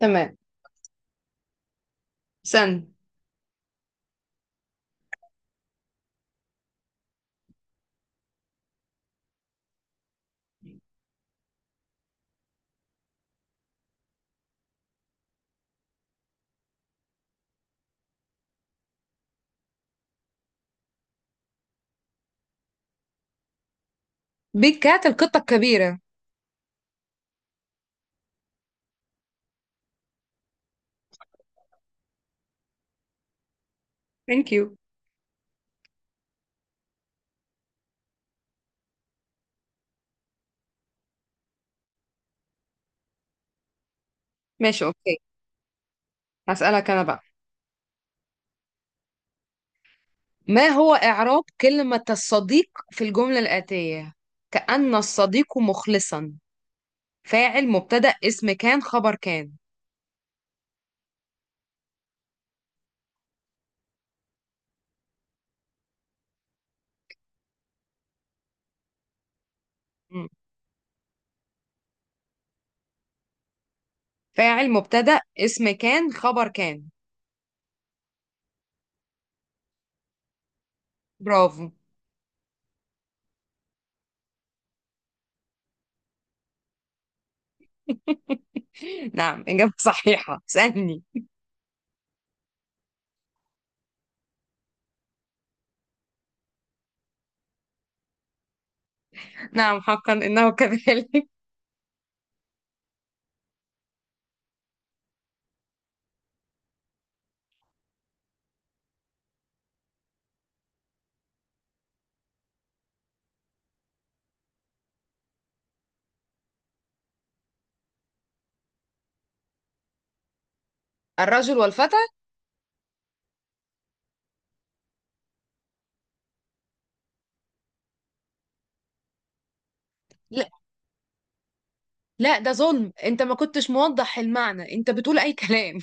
تمام. استنى. بيج كات، القطة الكبيرة. ثانك يو. ماشي، اوكي. هسألك انا بقى. ما هو إعراب كلمة الصديق في الجملة الآتية: كأن الصديق مخلصا؟ فاعل، مبتدأ، اسم كان، خبر كان. مم. فاعل، مبتدأ، اسم كان، خبر كان. برافو. نعم، إجابة صحيحة. اسألني. نعم، حقا إنه كذلك. الرجل والفتى. لا، لا، ده ظلم. انت ما كنتش موضح المعنى، انت بتقول اي كلام.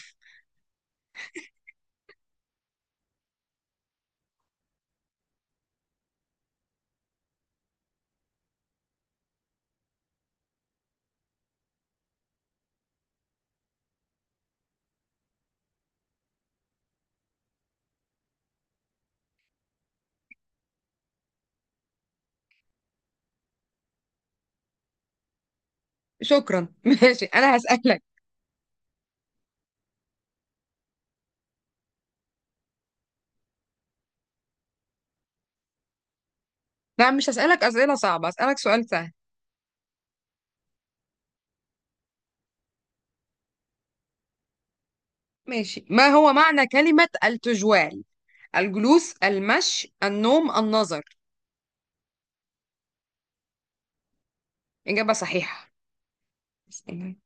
شكرا. ماشي، انا هسألك. لا، مش هسألك أسئلة صعبة، هسألك سؤال سهل. ماشي. ما هو معنى كلمة التجوال؟ الجلوس، المشي، النوم، النظر. إجابة صحيحة. استنى،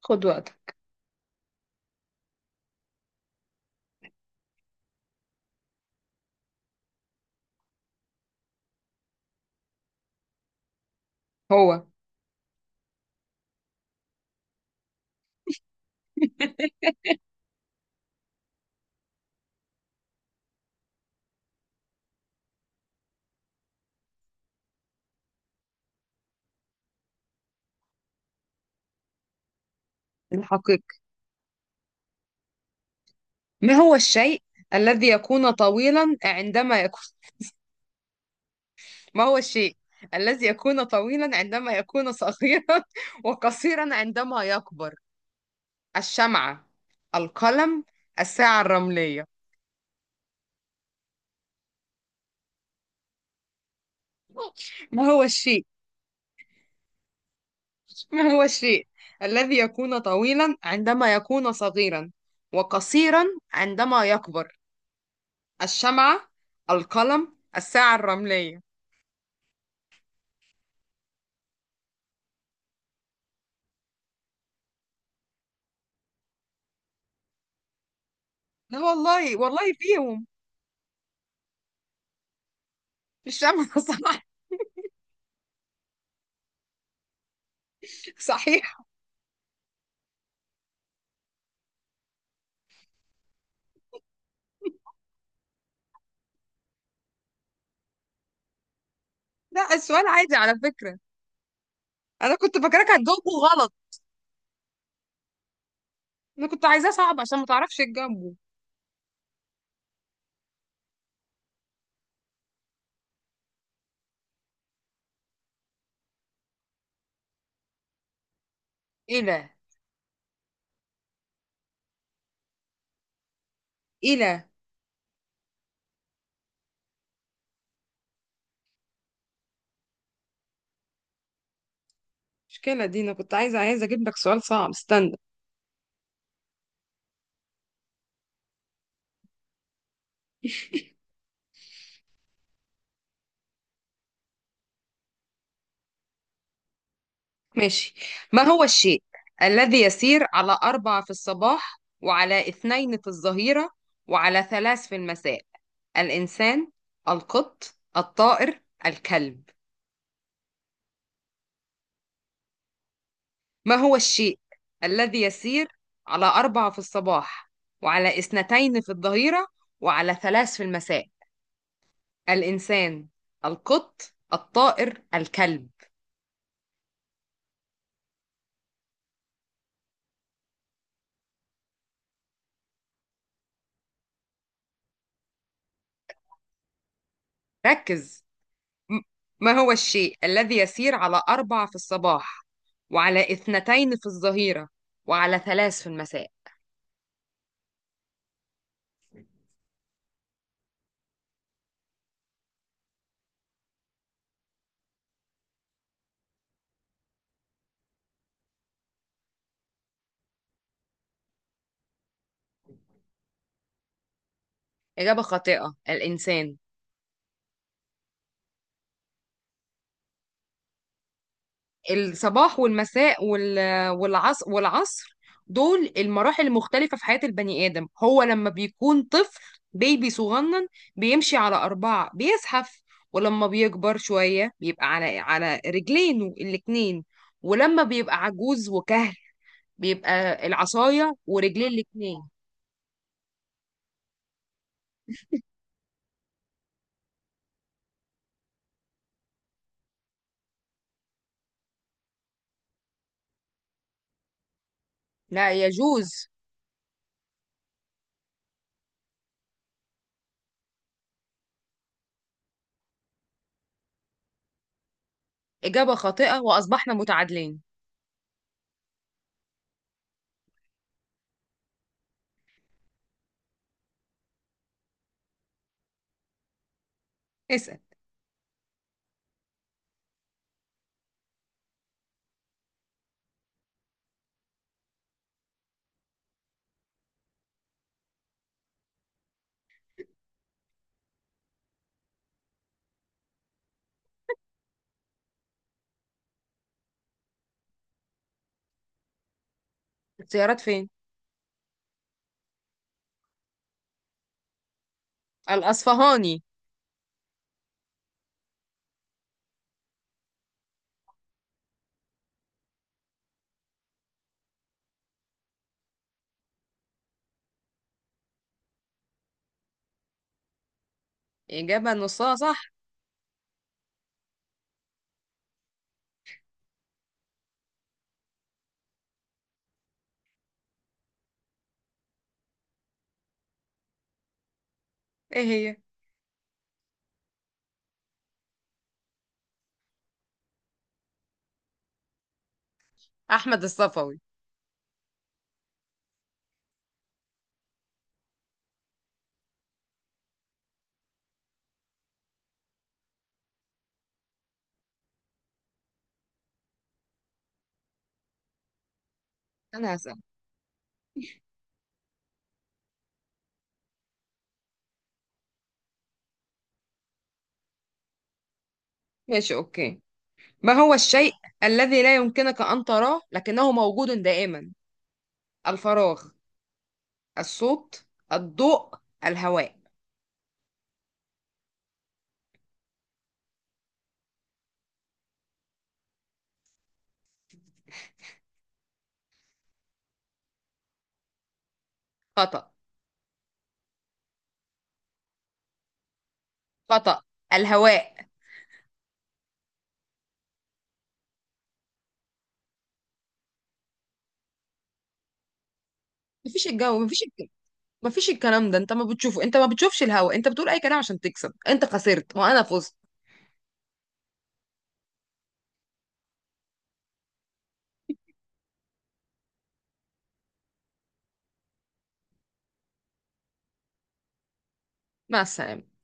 خد وقتك. هو. الحقيقة. ما هو الشيء الذي يكون طويلا عندما يكون. ما هو الشيء الذي يكون طويلا عندما يكون صغيرا وقصيرا عندما يكبر؟ الشمعة، القلم، الساعة الرملية. ما هو الشيء ما هو الشيء الذي يكون طويلا عندما يكون صغيرا وقصيرا عندما يكبر؟ الشمعة، القلم، الساعة الرملية. لا والله، والله فيهم. الشمعة. صح؟ صحيح. لا، السؤال عادي على فكرة. أنا كنت فاكراك هتجاوبه غلط. أنا كنت عايزاه صعب عشان ما تعرفش تجاوبه. إيه، لا. إيه، لا. المشكلة دي أنا كنت عايزة أجيب لك سؤال صعب. استنى. ماشي. ما هو الشيء الذي يسير على أربعة في الصباح وعلى اثنين في الظهيرة وعلى ثلاث في المساء؟ الإنسان، القط، الطائر، الكلب. ما هو الشيء الذي يسير على أربعة في الصباح وعلى اثنتين في الظهيرة وعلى ثلاث في المساء؟ الإنسان، القط، الطائر، الكلب. ركز. م- ما هو الشيء الذي يسير على أربع في الصباح وعلى اثنتين في الظهيرة وعلى ثلاث في المساء؟ إجابة خاطئة، الإنسان. الصباح والمساء والعصر، والعصر دول المراحل المختلفة في حياة البني آدم. هو لما بيكون طفل، بيبي صغنن، بيمشي على أربعة، بيزحف. ولما بيكبر شوية بيبقى على رجلين الاتنين. ولما بيبقى عجوز وكهل، بيبقى العصاية ورجلين الاتنين. لا يجوز. إجابة خاطئة وأصبحنا متعادلين. اسأل. اختيارات فين؟ الأصفهاني. إجابة نصها صح. ايه هي؟ أحمد الصفوي. انا هسأل. ماشي، أوكي. ما هو الشيء الذي لا يمكنك أن تراه لكنه موجود دائما؟ الفراغ، الصوت، الضوء، الهواء. خطأ. خطأ. الهواء. مفيش الجو، مفيش الكلام ده. انت ما بتشوفه، انت ما بتشوفش الهواء. انت بتقول اي كلام عشان تكسب. انت خسرت وانا فزت. مع السلامة.